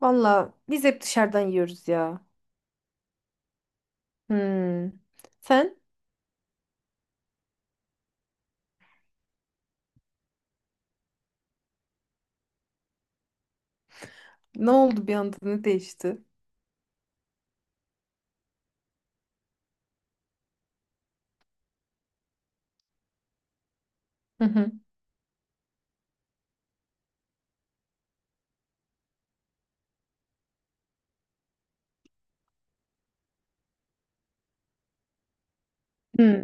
Valla biz hep dışarıdan yiyoruz ya. Hmm. Sen? Ne oldu bir anda? Ne değişti? Hı hı. Hmm.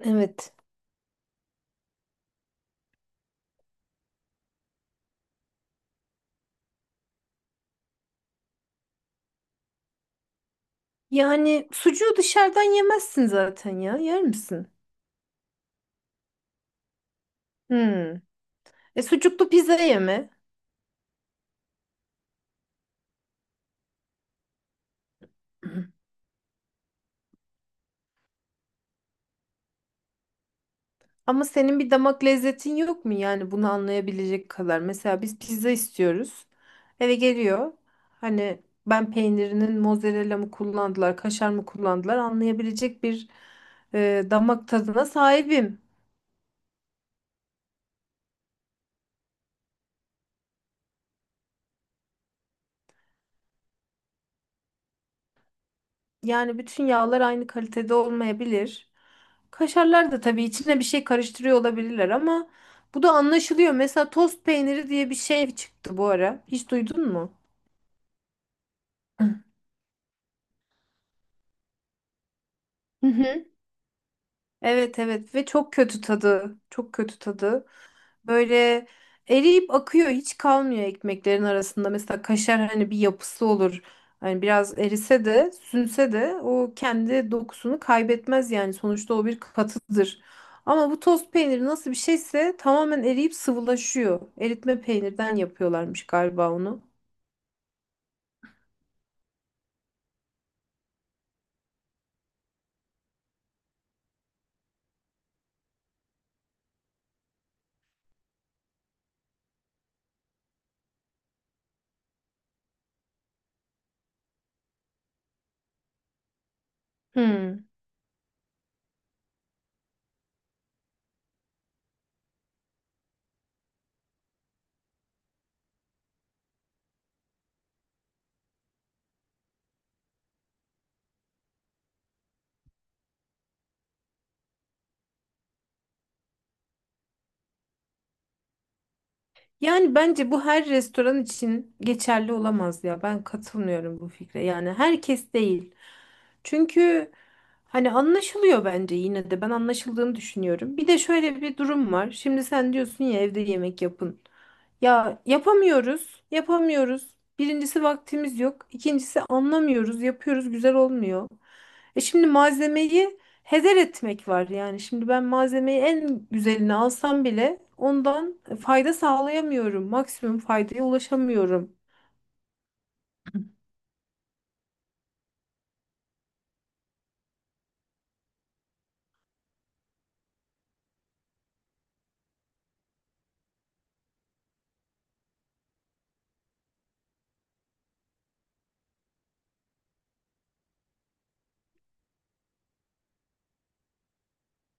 Evet. Yani sucuğu dışarıdan yemezsin zaten ya. Yer misin? Hmm. E sucuklu pizza yeme. Hı. Ama senin bir damak lezzetin yok mu yani bunu anlayabilecek kadar? Mesela biz pizza istiyoruz. Eve geliyor. Hani ben peynirinin mozzarella mı kullandılar, kaşar mı kullandılar anlayabilecek bir damak tadına sahibim. Yani bütün yağlar aynı kalitede olmayabilir. Kaşarlar da tabii içine bir şey karıştırıyor olabilirler ama bu da anlaşılıyor. Mesela tost peyniri diye bir şey çıktı bu ara. Hiç duydun mu? Hı. Hı hı. Evet evet ve çok kötü tadı. Çok kötü tadı. Böyle eriyip akıyor. Hiç kalmıyor ekmeklerin arasında. Mesela kaşar hani bir yapısı olur. Hani biraz erise de sünse de o kendi dokusunu kaybetmez yani. Sonuçta o bir katıdır. Ama bu toz peyniri nasıl bir şeyse tamamen eriyip sıvılaşıyor. Eritme peynirden yapıyorlarmış galiba onu. Hmm. Yani bence bu her restoran için geçerli olamaz ya. Ben katılmıyorum bu fikre. Yani herkes değil. Çünkü hani anlaşılıyor bence yine de ben anlaşıldığını düşünüyorum. Bir de şöyle bir durum var. Şimdi sen diyorsun ya evde yemek yapın. Ya yapamıyoruz, yapamıyoruz. Birincisi vaktimiz yok. İkincisi anlamıyoruz, yapıyoruz, güzel olmuyor. E şimdi malzemeyi heder etmek var yani. Şimdi ben malzemeyi en güzelini alsam bile ondan fayda sağlayamıyorum. Maksimum faydaya ulaşamıyorum.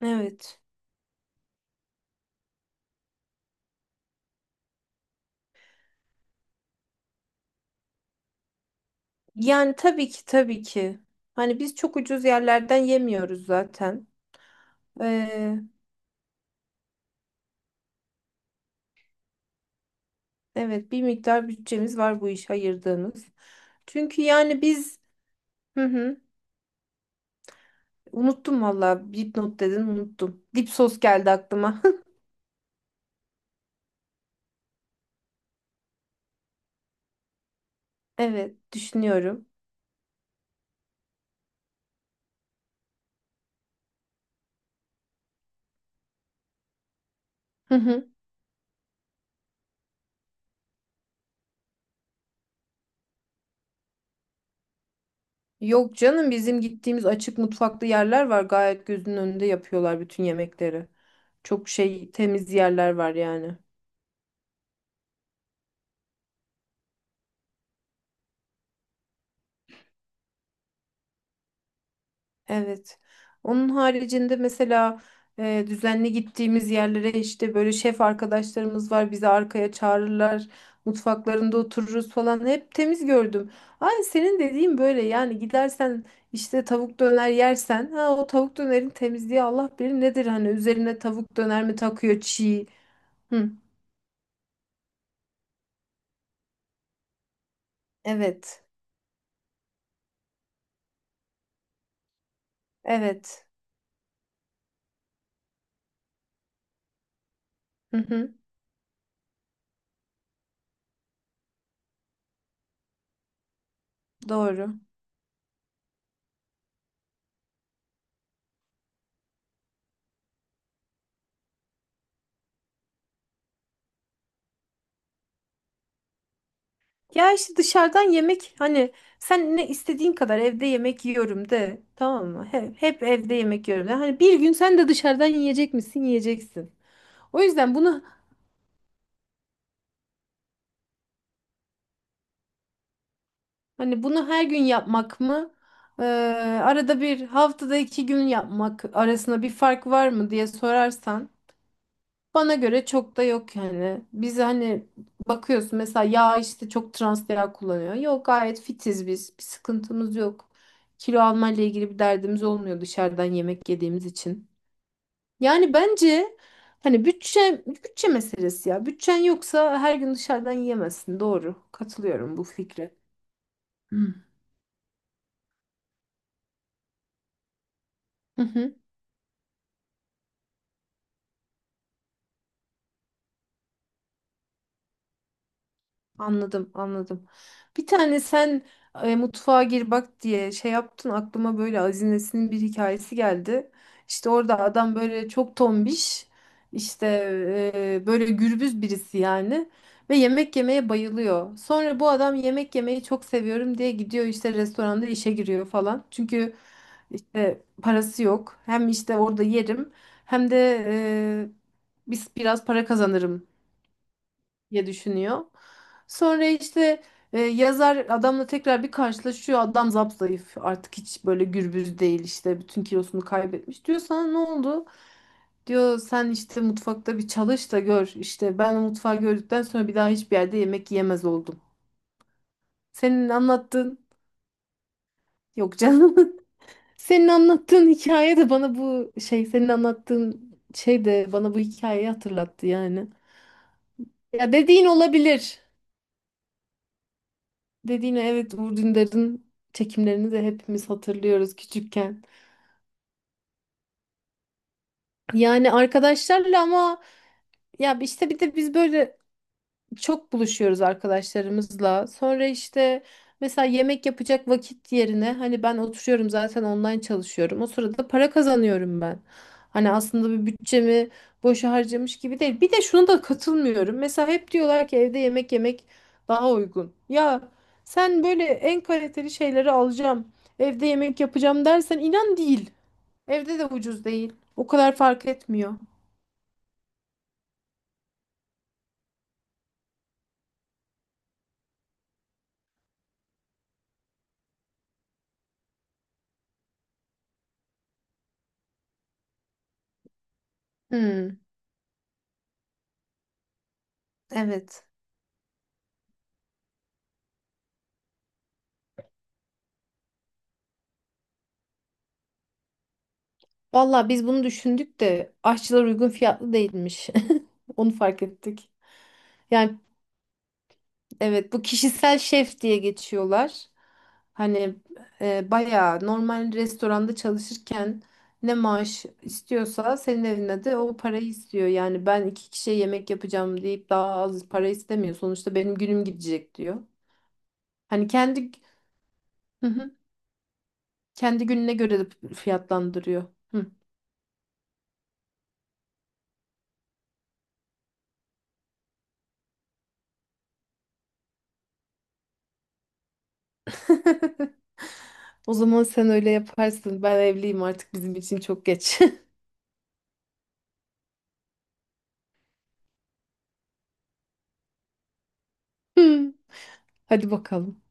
Evet. Yani tabii ki tabii ki. Hani biz çok ucuz yerlerden yemiyoruz zaten. Ee, evet bir miktar bütçemiz var bu iş ayırdığımız. Çünkü yani biz hı hı, unuttum valla dipnot dedin unuttum. Dip sos geldi aklıma. Evet düşünüyorum. Hı hı. Yok canım bizim gittiğimiz açık mutfaklı yerler var. Gayet gözünün önünde yapıyorlar bütün yemekleri. Çok şey temiz yerler var yani. Evet. Onun haricinde mesela düzenli gittiğimiz yerlere işte böyle şef arkadaşlarımız var bizi arkaya çağırırlar. Mutfaklarında otururuz falan. Hep temiz gördüm. Ay senin dediğin böyle yani gidersen işte tavuk döner yersen ha o tavuk dönerin temizliği Allah bilir nedir hani üzerine tavuk döner mi takıyor çiğ. Hı. Evet. Evet. Hı hı. Doğru. Ya işte dışarıdan yemek hani sen ne istediğin kadar evde yemek yiyorum de tamam mı? Hep evde yemek yiyorum de. Hani bir gün sen de dışarıdan yiyecek misin? Yiyeceksin. O yüzden bunu hani bunu her gün yapmak mı? Ee, arada bir haftada iki gün yapmak arasında bir fark var mı diye sorarsan bana göre çok da yok yani. Biz hani bakıyorsun mesela yağ işte çok trans yağ kullanıyor. Yok gayet fitiz biz. Bir sıkıntımız yok. Kilo almayla ilgili bir derdimiz olmuyor dışarıdan yemek yediğimiz için. Yani bence hani bütçe meselesi ya. Bütçen yoksa her gün dışarıdan yiyemezsin. Doğru. Katılıyorum bu fikre. Hı hı. Hı. Anladım, anladım. Bir tane sen mutfağa gir bak diye şey yaptın aklıma böyle Azines'in bir hikayesi geldi. İşte orada adam böyle çok tombiş işte böyle gürbüz birisi yani ve yemek yemeye bayılıyor. Sonra bu adam yemek yemeyi çok seviyorum diye gidiyor işte restoranda işe giriyor falan. Çünkü işte parası yok. Hem işte orada yerim hem de biz biraz para kazanırım diye düşünüyor. Sonra işte yazar adamla tekrar bir karşılaşıyor. Adam zayıf artık hiç böyle gürbüz değil işte bütün kilosunu kaybetmiş. Diyor sana ne oldu? Diyor sen işte mutfakta bir çalış da gör. İşte ben o mutfağı gördükten sonra bir daha hiçbir yerde yemek yemez oldum. Senin anlattığın yok canım. Senin anlattığın hikaye de bana bu şey senin anlattığın şey de bana bu hikayeyi hatırlattı yani. Ya dediğin olabilir. Dediğine evet Uğur Dündar'ın çekimlerini de hepimiz hatırlıyoruz küçükken. Yani arkadaşlarla ama ya işte bir de biz böyle çok buluşuyoruz arkadaşlarımızla. Sonra işte mesela yemek yapacak vakit yerine hani ben oturuyorum zaten online çalışıyorum. O sırada para kazanıyorum ben. Hani aslında bir bütçemi boşa harcamış gibi değil. Bir de şunu da katılmıyorum. Mesela hep diyorlar ki evde yemek yemek daha uygun. Ya sen böyle en kaliteli şeyleri alacağım, evde yemek yapacağım dersen inan değil. Evde de ucuz değil. O kadar fark etmiyor. Hmm, evet. Valla biz bunu düşündük de aşçılar uygun fiyatlı değilmiş. Onu fark ettik. Yani evet bu kişisel şef diye geçiyorlar. Hani bayağı normal restoranda çalışırken ne maaş istiyorsa senin evine de o parayı istiyor. Yani ben iki kişiye yemek yapacağım deyip daha az para istemiyor. Sonuçta benim günüm gidecek diyor. Hani kendi hı hı, kendi gününe göre de fiyatlandırıyor. Hı. O zaman sen öyle yaparsın. Ben evliyim artık bizim için çok geç. Hadi bakalım.